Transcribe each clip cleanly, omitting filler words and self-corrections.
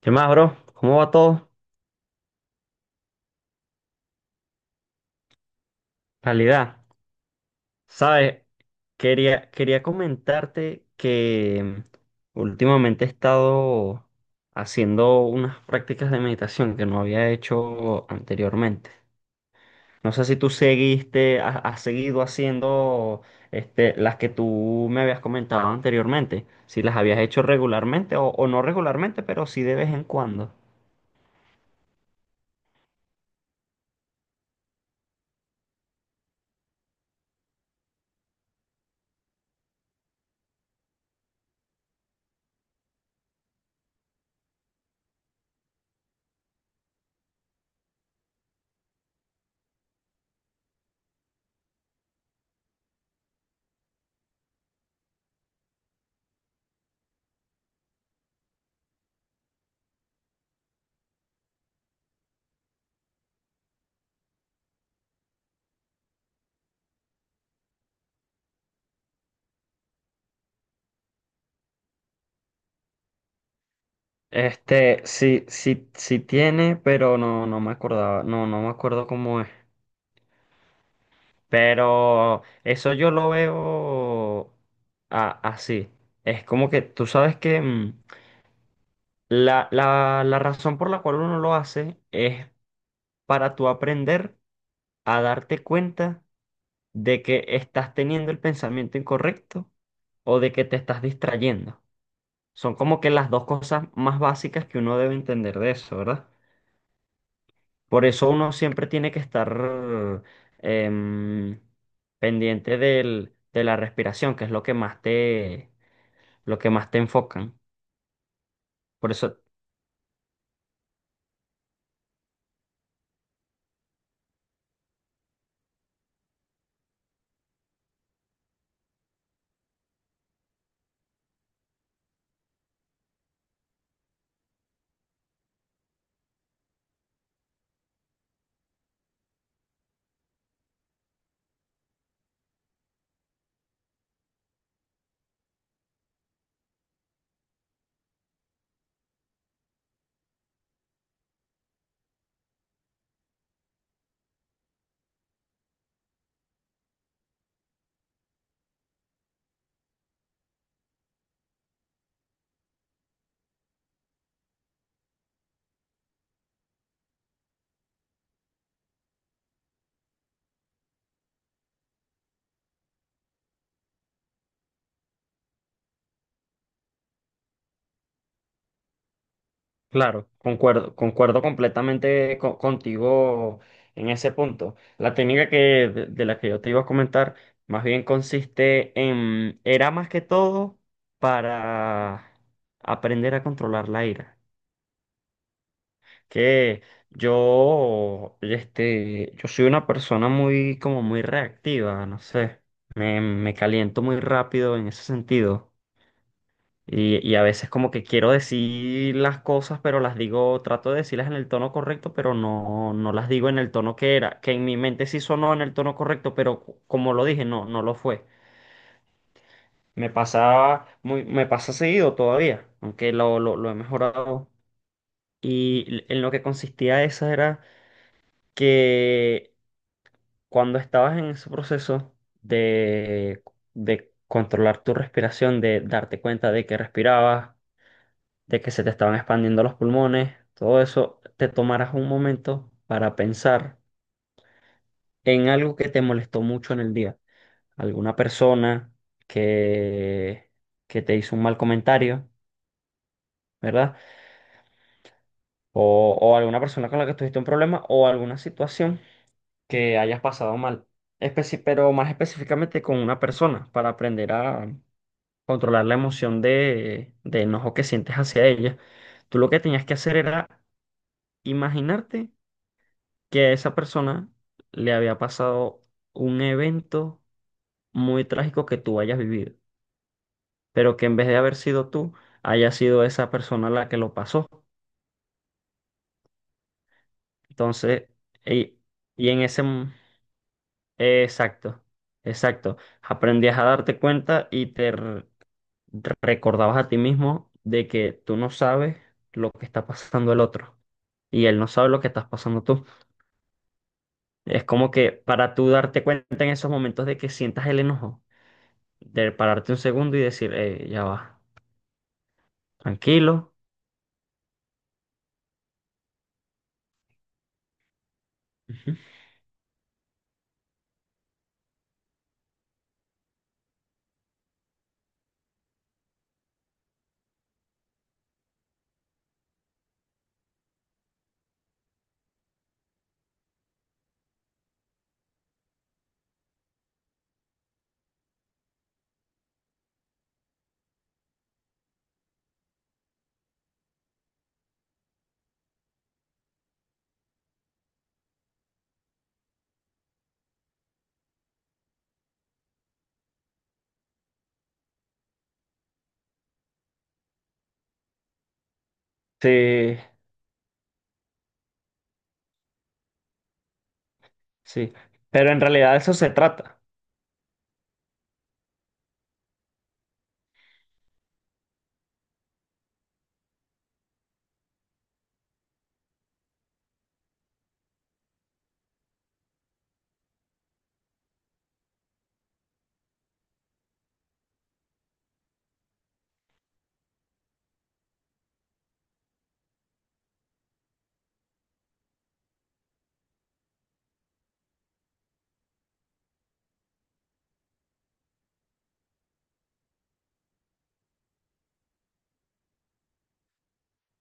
¿Qué más, bro? ¿Cómo va todo? Calidad. ¿Sabes? Quería comentarte que últimamente he estado haciendo unas prácticas de meditación que no había hecho anteriormente. No sé si tú seguiste, has seguido haciendo las que tú me habías comentado anteriormente, si las habías hecho regularmente o no regularmente, pero sí de vez en cuando. Sí, sí, sí tiene, pero no, no me acordaba, no, no me acuerdo cómo es. Pero eso yo lo veo así. Es como que tú sabes que la razón por la cual uno lo hace es para tú aprender a darte cuenta de que estás teniendo el pensamiento incorrecto o de que te estás distrayendo. Son como que las dos cosas más básicas que uno debe entender de eso, ¿verdad? Por eso uno siempre tiene que estar em, de la respiración, que es lo que más te, lo que más te enfocan. Por eso, claro, concuerdo completamente contigo en ese punto. La técnica de la que yo te iba a comentar, más bien consiste en, era más que todo para aprender a controlar la ira. Que yo, este, yo soy una persona muy, como muy reactiva, no sé. Me caliento muy rápido en ese sentido. Y a veces como que quiero decir las cosas, pero las digo, trato de decirlas en el tono correcto, pero no, no las digo en el tono que era. Que en mi mente sí sonó en el tono correcto, pero como lo dije, no, no lo fue. Me pasa seguido todavía, aunque lo he mejorado. Y en lo que consistía esa era que cuando estabas en ese proceso de, de controlar tu respiración, de darte cuenta de que respirabas, de que se te estaban expandiendo los pulmones, todo eso, te tomarás un momento para pensar en algo que te molestó mucho en el día. Alguna persona que, que te hizo un mal comentario, ¿verdad? O alguna persona con la que tuviste un problema o alguna situación que hayas pasado mal. Pero más específicamente con una persona para aprender a controlar la emoción de enojo que sientes hacia ella. Tú lo que tenías que hacer era imaginarte que a esa persona le había pasado un evento muy trágico que tú hayas vivido, pero que en vez de haber sido tú, haya sido esa persona la que lo pasó. Entonces, y, y en ese... exacto, exacto. Aprendías a darte cuenta y recordabas a ti mismo de que tú no sabes lo que está pasando el otro y él no sabe lo que estás pasando tú. Es como que para tú darte cuenta en esos momentos de que sientas el enojo, de pararte un segundo y decir, ya va, tranquilo". Ujú. Sí, sí. Pero en realidad de eso se trata.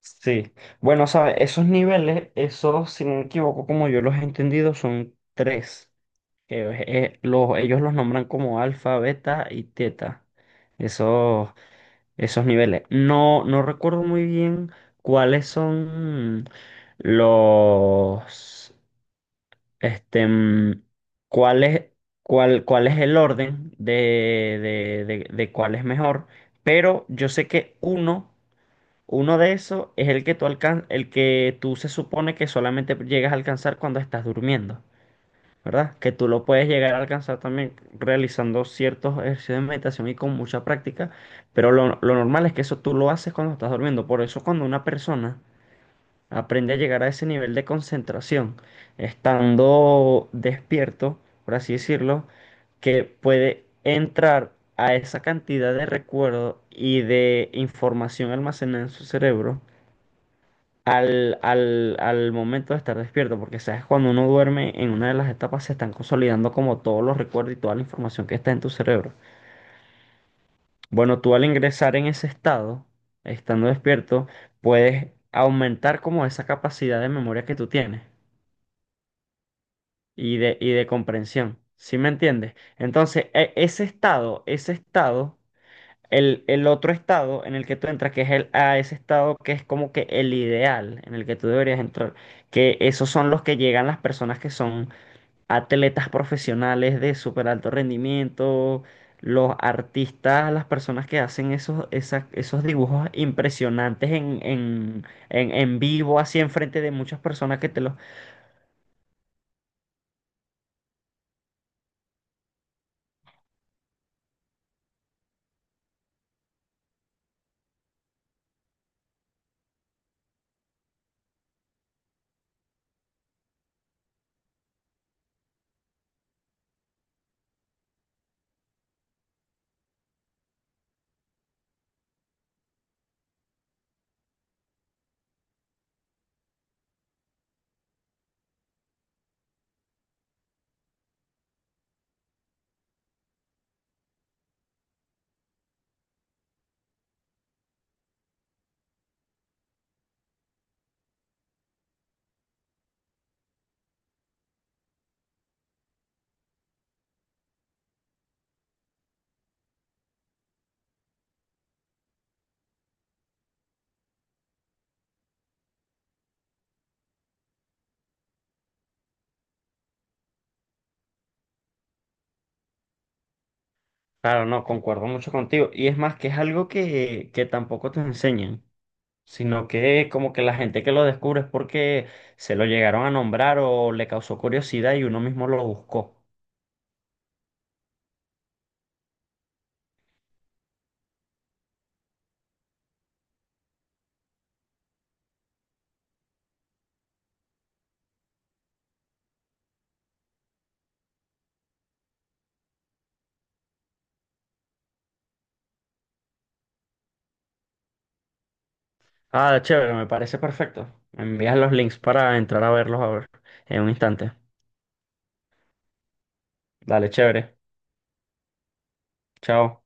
Sí. Bueno, sabes, esos niveles, esos, si no me equivoco, como yo los he entendido, son tres. Que, ellos los nombran como alfa, beta y teta. Esos. Esos niveles. No, no recuerdo muy bien cuáles son los, este, cuál es, cuál, cuál es el orden de cuál es mejor, pero yo sé que uno, uno de esos es el que el que tú se supone que solamente llegas a alcanzar cuando estás durmiendo. ¿Verdad? Que tú lo puedes llegar a alcanzar también realizando ciertos ejercicios de meditación y con mucha práctica, pero lo normal es que eso tú lo haces cuando estás durmiendo. Por eso cuando una persona aprende a llegar a ese nivel de concentración, estando despierto, por así decirlo, que puede entrar a esa cantidad de recuerdo y de información almacenada en su cerebro al momento de estar despierto, porque sabes, cuando uno duerme en una de las etapas se están consolidando como todos los recuerdos y toda la información que está en tu cerebro. Bueno, tú al ingresar en ese estado, estando despierto, puedes aumentar como esa capacidad de memoria que tú tienes y de comprensión. ¿Sí me entiendes? Entonces, ese estado, ese estado. El otro estado en el que tú entras, que es el, a ese estado que es como que el ideal en el que tú deberías entrar, que esos son los que llegan las personas que son atletas profesionales de súper alto rendimiento, los artistas, las personas que hacen esos dibujos impresionantes en vivo, así enfrente de muchas personas que te los... Claro, no, concuerdo mucho contigo. Y es más, que es algo que tampoco te enseñan, sino que como que la gente que lo descubre es porque se lo llegaron a nombrar o le causó curiosidad y uno mismo lo buscó. Ah, chévere, me parece perfecto. Me envías los links para entrar a verlos a ver en un instante. Dale, chévere. Chao.